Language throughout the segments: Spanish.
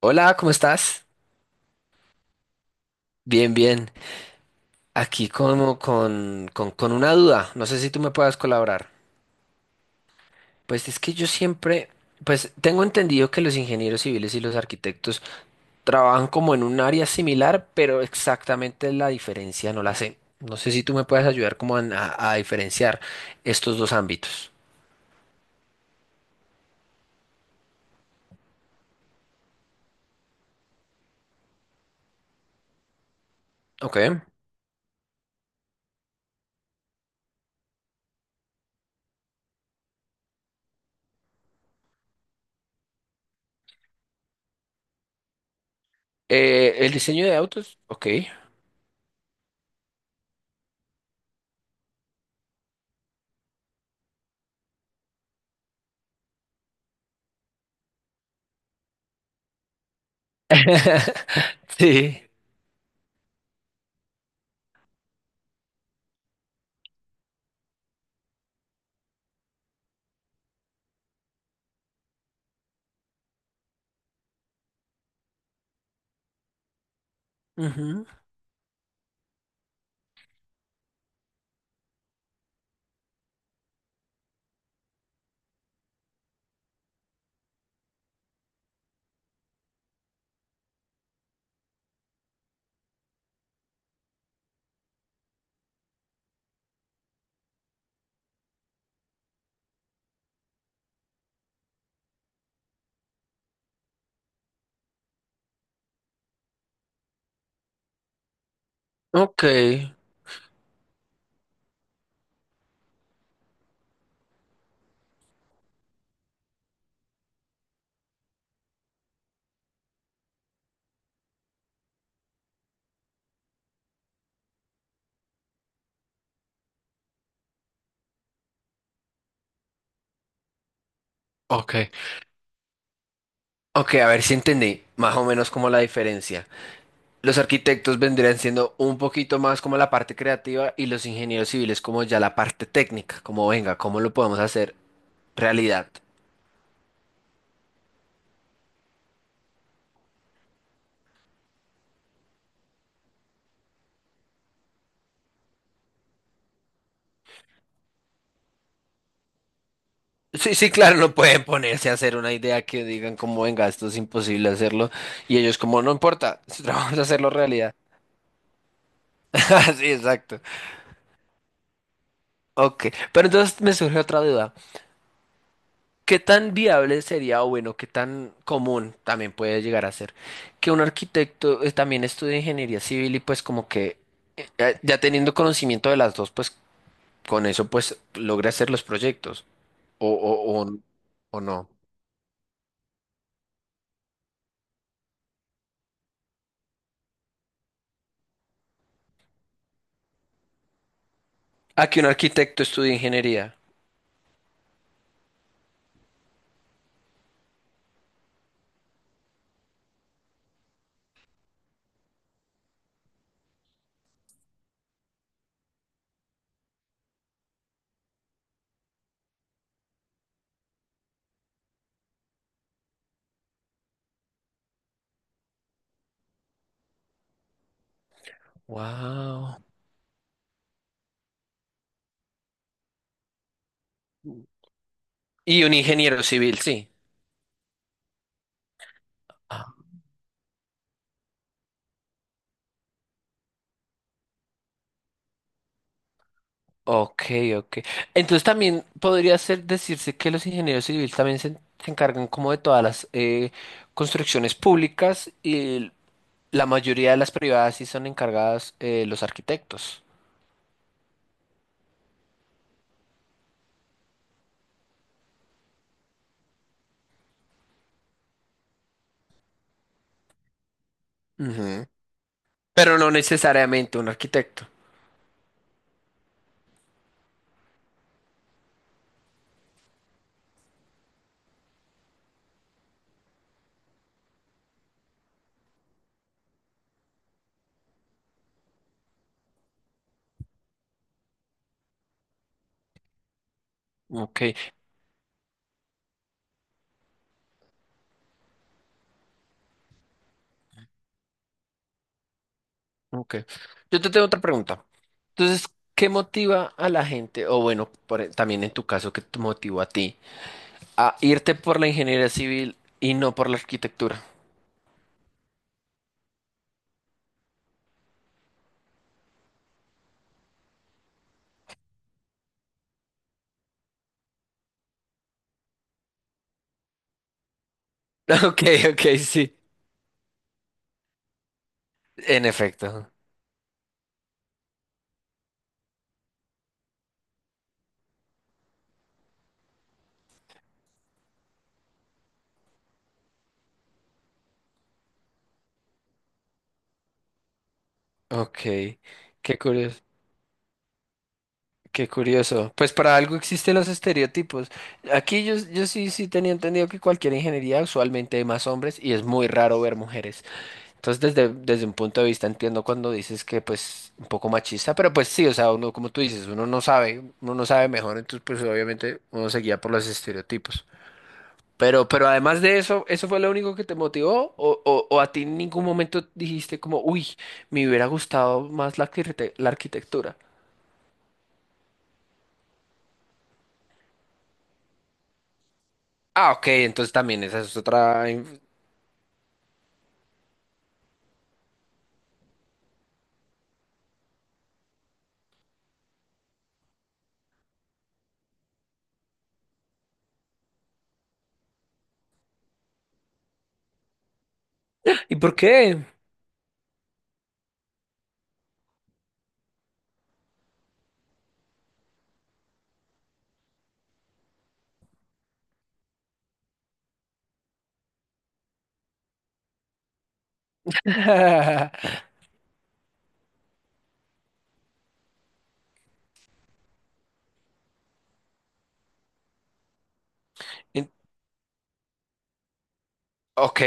Hola, ¿cómo estás? Bien, bien. Aquí como con una duda. No sé si tú me puedas colaborar. Pues es que yo siempre, pues tengo entendido que los ingenieros civiles y los arquitectos trabajan como en un área similar, pero exactamente la diferencia no la sé. No sé si tú me puedes ayudar como a diferenciar estos dos ámbitos. Ok. El diseño de autos. Ok. Sí. Ujú. Ok. Ok. Ok, a ver si entendí más o menos como la diferencia. Los arquitectos vendrían siendo un poquito más como la parte creativa y los ingenieros civiles como ya la parte técnica, como venga, ¿cómo lo podemos hacer realidad? Sí, sí, claro, no pueden ponerse a hacer una idea que digan como venga, esto es imposible hacerlo y ellos como no importa, vamos a hacerlo realidad. Sí, exacto. Ok, pero entonces me surge otra duda. ¿Qué tan viable sería, o bueno, qué tan común también puede llegar a ser que un arquitecto también estudie ingeniería civil y pues como que ya teniendo conocimiento de las dos, pues con eso pues logre hacer los proyectos o, o, o, o no? ¿A que un arquitecto estudie ingeniería? Wow. Y un ingeniero civil, sí. Ah, ok, ok. Entonces también podría ser decirse que los ingenieros civiles también se encargan como de todas las construcciones públicas y la mayoría de las privadas sí son encargadas los arquitectos. Ujú. Pero no necesariamente un arquitecto. Ok, ok. Yo te tengo otra pregunta. Entonces, ¿qué motiva a la gente, o bueno, también en tu caso, qué te motivó a ti, a irte por la ingeniería civil y no por la arquitectura? Ok, ok, sí. En efecto. Ok, qué curioso. Qué curioso. Pues para algo existen los estereotipos. Aquí yo sí, sí tenía entendido que cualquier ingeniería usualmente hay más hombres y es muy raro ver mujeres. Entonces desde un punto de vista entiendo cuando dices que pues un poco machista, pero pues sí, o sea, uno como tú dices, uno no sabe mejor, entonces pues obviamente uno se guía por los estereotipos. Pero además de eso, ¿eso fue lo único que te motivó? O a ti en ningún momento dijiste como, uy, me hubiera gustado más la, la arquitectura? Ah, ok, entonces también esa es otra. ¿Y por qué? En- Ok.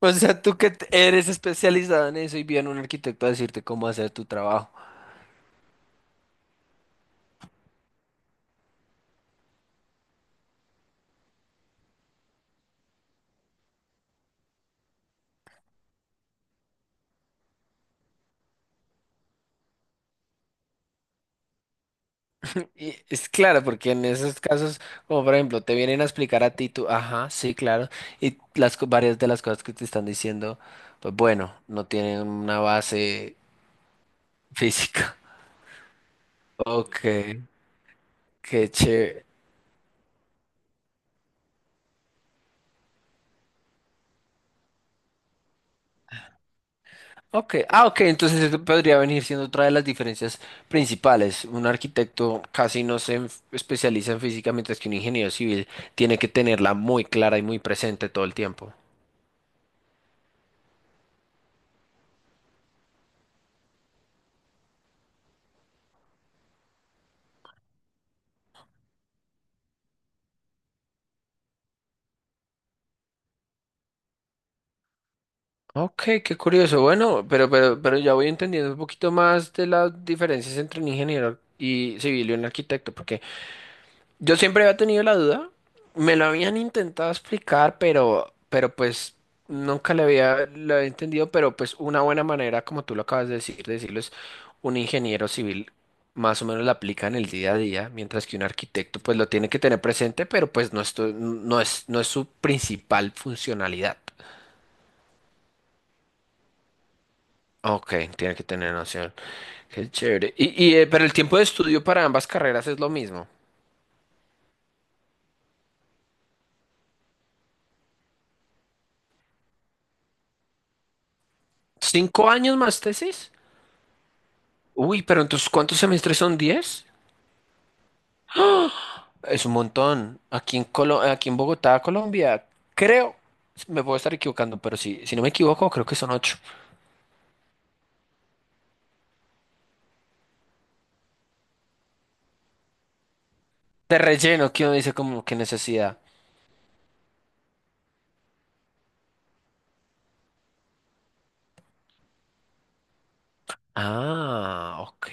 O sea, tú que eres especializado en eso y viene un arquitecto a decirte cómo hacer tu trabajo. Y es claro, porque en esos casos, como por ejemplo, te vienen a explicar a ti, tú, ajá, sí, claro, y las varias de las cosas que te están diciendo, pues bueno, no tienen una base física. Ok, qué chévere. Ok, ah, ok, entonces eso podría venir siendo otra de las diferencias principales. Un arquitecto casi no se especializa en física, mientras que un ingeniero civil tiene que tenerla muy clara y muy presente todo el tiempo. Ok, qué curioso. Bueno, pero ya voy entendiendo un poquito más de las diferencias entre un ingeniero y civil y un arquitecto, porque yo siempre había tenido la duda, me lo habían intentado explicar, pero pues nunca lo había entendido, pero pues una buena manera, como tú lo acabas de decir, de decirlo es un ingeniero civil más o menos la aplica en el día a día, mientras que un arquitecto pues lo tiene que tener presente, pero pues no, no es, no es su principal funcionalidad. Ok, tiene que tener noción. Qué chévere. Y, pero el tiempo de estudio para ambas carreras es lo mismo. ¿5 años más tesis? Uy, pero entonces ¿cuántos semestres son 10? Es un montón. Aquí en aquí en Bogotá, Colombia, creo, me puedo estar equivocando, pero si no me equivoco, creo que son 8. De relleno, que uno dice como qué necesidad. Ah, ok.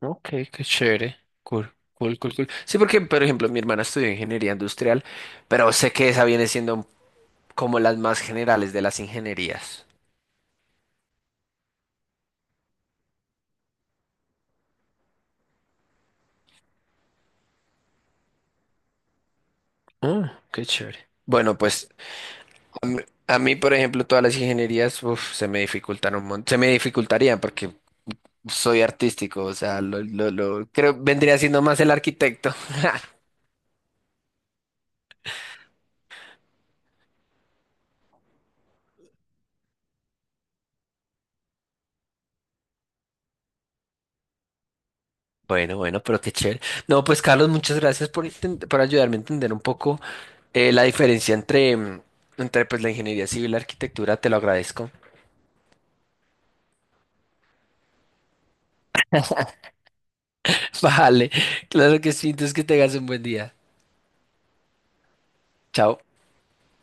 Ok, qué chévere. Cool, cool, cool, cool. Sí, porque, por ejemplo, mi hermana estudió ingeniería industrial, pero sé que esa viene siendo como las más generales de las ingenierías. Ah, qué chévere. Bueno, pues a mí, a mí, por ejemplo, todas las ingenierías, uf, se me dificultaron un se me dificultarían porque soy artístico, o sea, creo vendría siendo más el arquitecto. Bueno, bueno, pero qué chévere. No, pues Carlos, muchas gracias por, por ayudarme a entender un poco la diferencia entre, mm, entre pues, la ingeniería civil y la arquitectura. Te lo agradezco. Vale, claro que sí. Entonces que tengas un buen día. Chao.